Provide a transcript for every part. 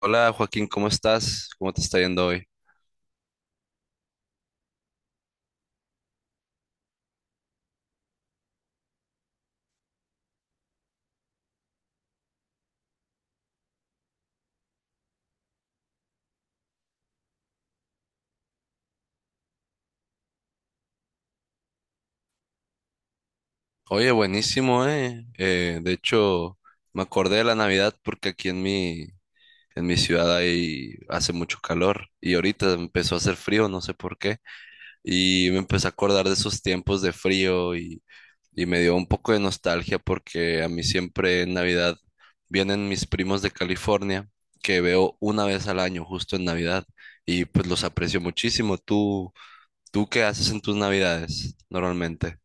Hola Joaquín, ¿cómo estás? ¿Cómo te está yendo hoy? Oye, buenísimo, ¿eh? De hecho, me acordé de la Navidad porque aquí en mi ciudad ahí hace mucho calor y ahorita empezó a hacer frío, no sé por qué, y me empecé a acordar de esos tiempos de frío y me dio un poco de nostalgia porque a mí siempre en Navidad vienen mis primos de California que veo una vez al año justo en Navidad y pues los aprecio muchísimo. ¿Tú qué haces en tus navidades normalmente?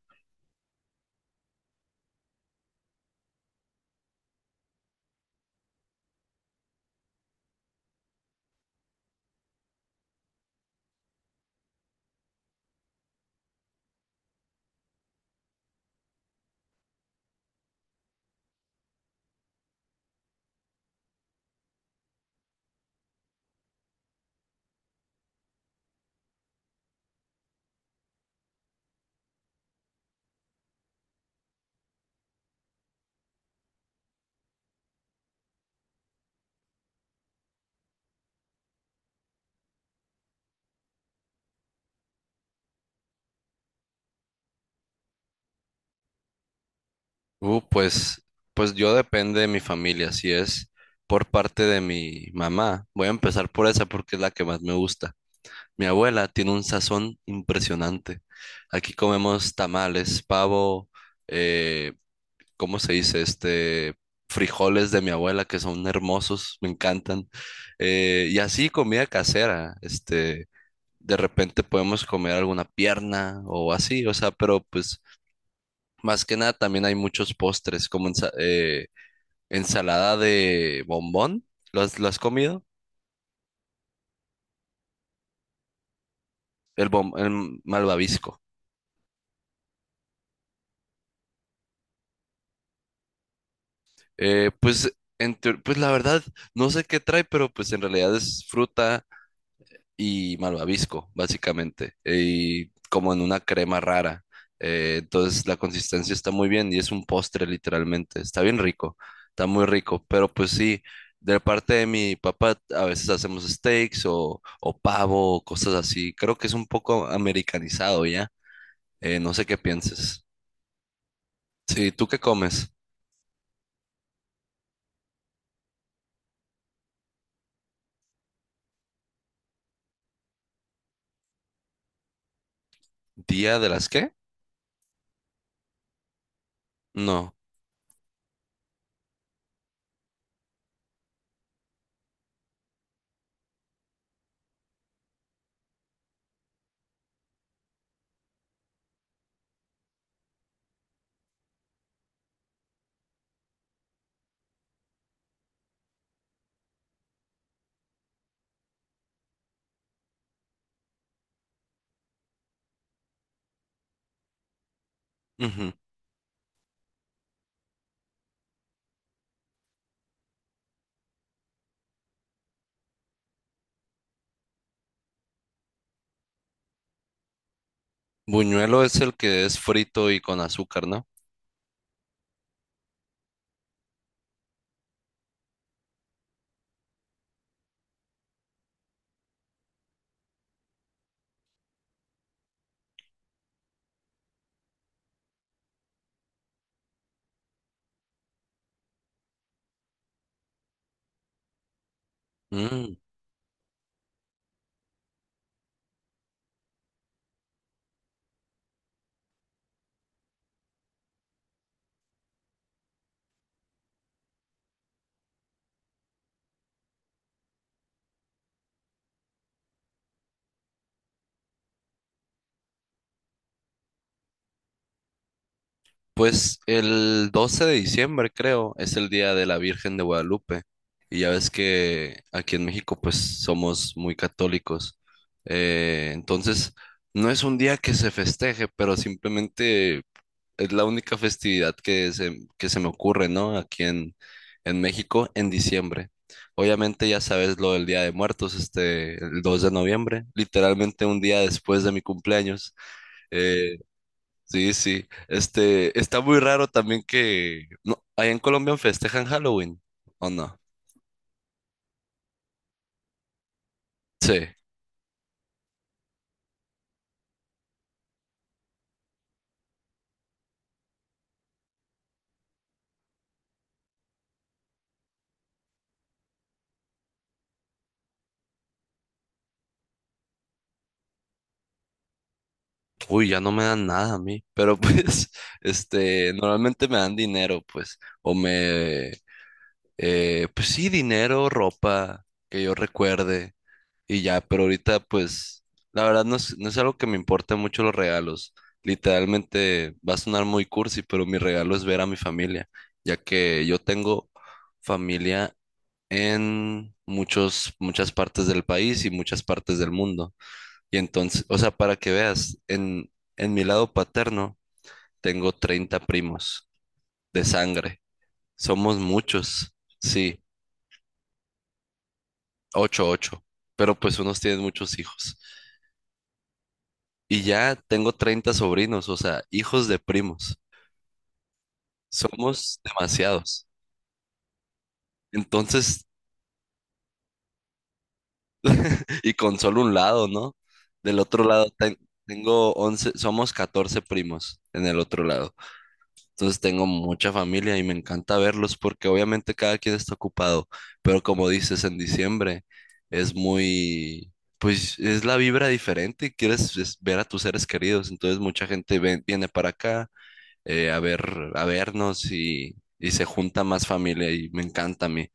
Uh, pues, pues, yo depende de mi familia. Si es por parte de mi mamá, voy a empezar por esa porque es la que más me gusta. Mi abuela tiene un sazón impresionante. Aquí comemos tamales, pavo, eh, ¿cómo se dice? Este, frijoles de mi abuela que son hermosos, me encantan. Y así comida casera, este, de repente podemos comer alguna pierna o así, o sea, pero pues más que nada, también hay muchos postres, como ensalada de bombón. ¿Lo has comido? El malvavisco. Pues, pues la verdad, no sé qué trae, pero pues en realidad es fruta. Y malvavisco, básicamente, y como en una crema rara. Entonces la consistencia está muy bien y es un postre literalmente. Está bien rico, está muy rico, pero pues sí, de parte de mi papá a veces hacemos steaks o pavo o cosas así. Creo que es un poco americanizado ya. No sé qué pienses. Sí, ¿tú qué comes? ¿Día de las qué? No. Ujú. Buñuelo es el que es frito y con azúcar, ¿no? Mm. Pues el 12 de diciembre, creo, es el día de la Virgen de Guadalupe. Y ya ves que aquí en México, pues somos muy católicos. Entonces, no es un día que se festeje, pero simplemente es la única festividad que se me ocurre, ¿no? Aquí en México, en diciembre. Obviamente ya sabes lo del Día de Muertos, este, el 2 de noviembre, literalmente un día después de mi cumpleaños. Eh, Sí, sí. Este, está muy raro también que no, allá en Colombia festejan Halloween, ¿o no? Sí. Uy, ya no me dan nada a mí, pero pues, este, normalmente me dan dinero, pues, o me, pues sí, dinero, ropa, que yo recuerde, y ya, pero ahorita, pues, la verdad no es algo que me importe mucho los regalos. Literalmente, va a sonar muy cursi, pero mi regalo es ver a mi familia, ya que yo tengo familia en muchas partes del país y muchas partes del mundo. Y entonces, o sea, para que veas, en mi lado paterno tengo 30 primos de sangre. Somos muchos, sí, 8 ocho, pero pues unos tienen muchos hijos. Y ya tengo 30 sobrinos, o sea, hijos de primos. Somos demasiados. Entonces, y con solo un lado, ¿no? Del otro lado tengo 11, somos 14 primos en el otro lado. Entonces tengo mucha familia y me encanta verlos porque obviamente cada quien está ocupado, pero como dices, en diciembre es muy, pues es la vibra diferente y quieres ver a tus seres queridos, entonces mucha gente viene para acá a ver, a vernos y se junta más familia y me encanta a mí.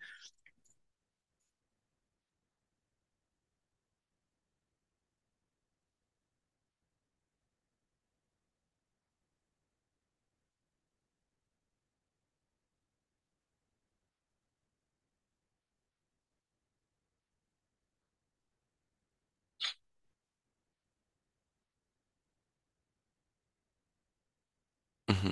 Ujú.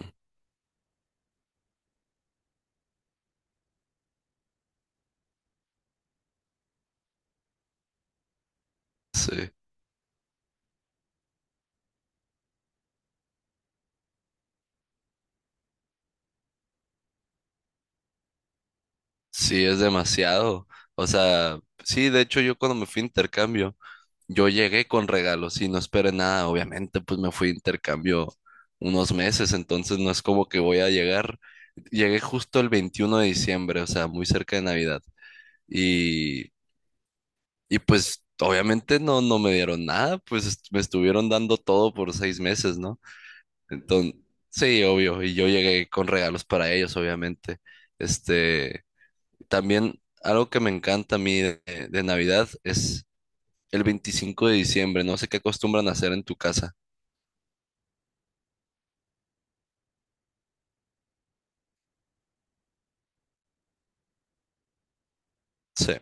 Sí, sí, es demasiado. O sea, sí, de hecho yo cuando me fui a intercambio, yo llegué con regalos y no esperé nada, obviamente, pues me fui de intercambio unos meses, entonces no es como que voy a llegar. Llegué justo el 21 de diciembre, o sea, muy cerca de Navidad. Y, y pues obviamente no, no me dieron nada, pues me estuvieron dando todo por 6 meses, ¿no? Entonces, sí, obvio, y yo llegué con regalos para ellos, obviamente. Este, también algo que me encanta a mí de Navidad es el 25 de diciembre, no sé qué acostumbran a hacer en tu casa. Sí.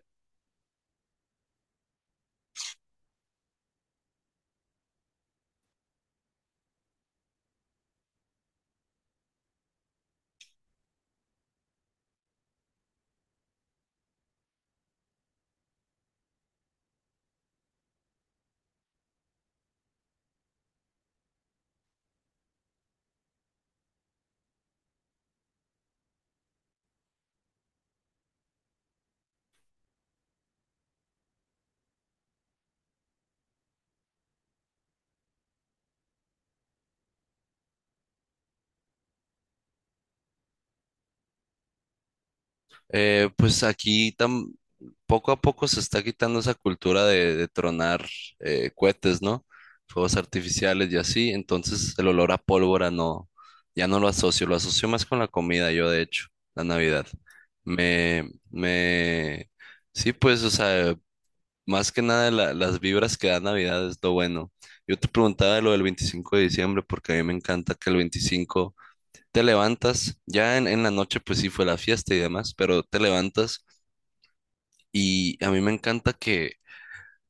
Pues aquí poco a poco se está quitando esa cultura de tronar cohetes, ¿no? Fuegos artificiales y así. Entonces el olor a pólvora no, ya no lo asocio, lo asocio más con la comida, yo de hecho, la Navidad. Me, me, sí, pues, o sea, más que nada las vibras que da Navidad es lo bueno. Yo te preguntaba de lo del 25 de diciembre porque a mí me encanta que el 25 te levantas, ya en la noche pues sí fue la fiesta y demás, pero te levantas y a mí me encanta que,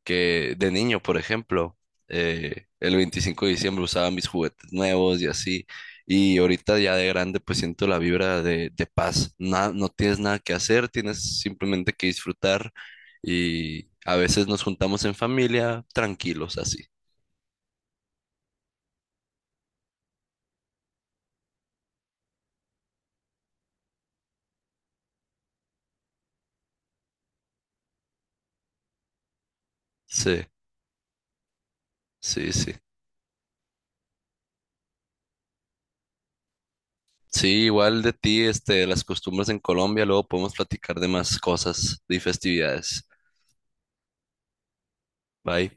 que de niño, por ejemplo, el 25 de diciembre usaba mis juguetes nuevos y así, y ahorita ya de grande pues siento la vibra de paz. No tienes nada que hacer, tienes simplemente que disfrutar y a veces nos juntamos en familia tranquilos así. Sí, sí, sí. Sí, igual de ti, este, las costumbres en Colombia, luego podemos platicar de más cosas y festividades. Bye.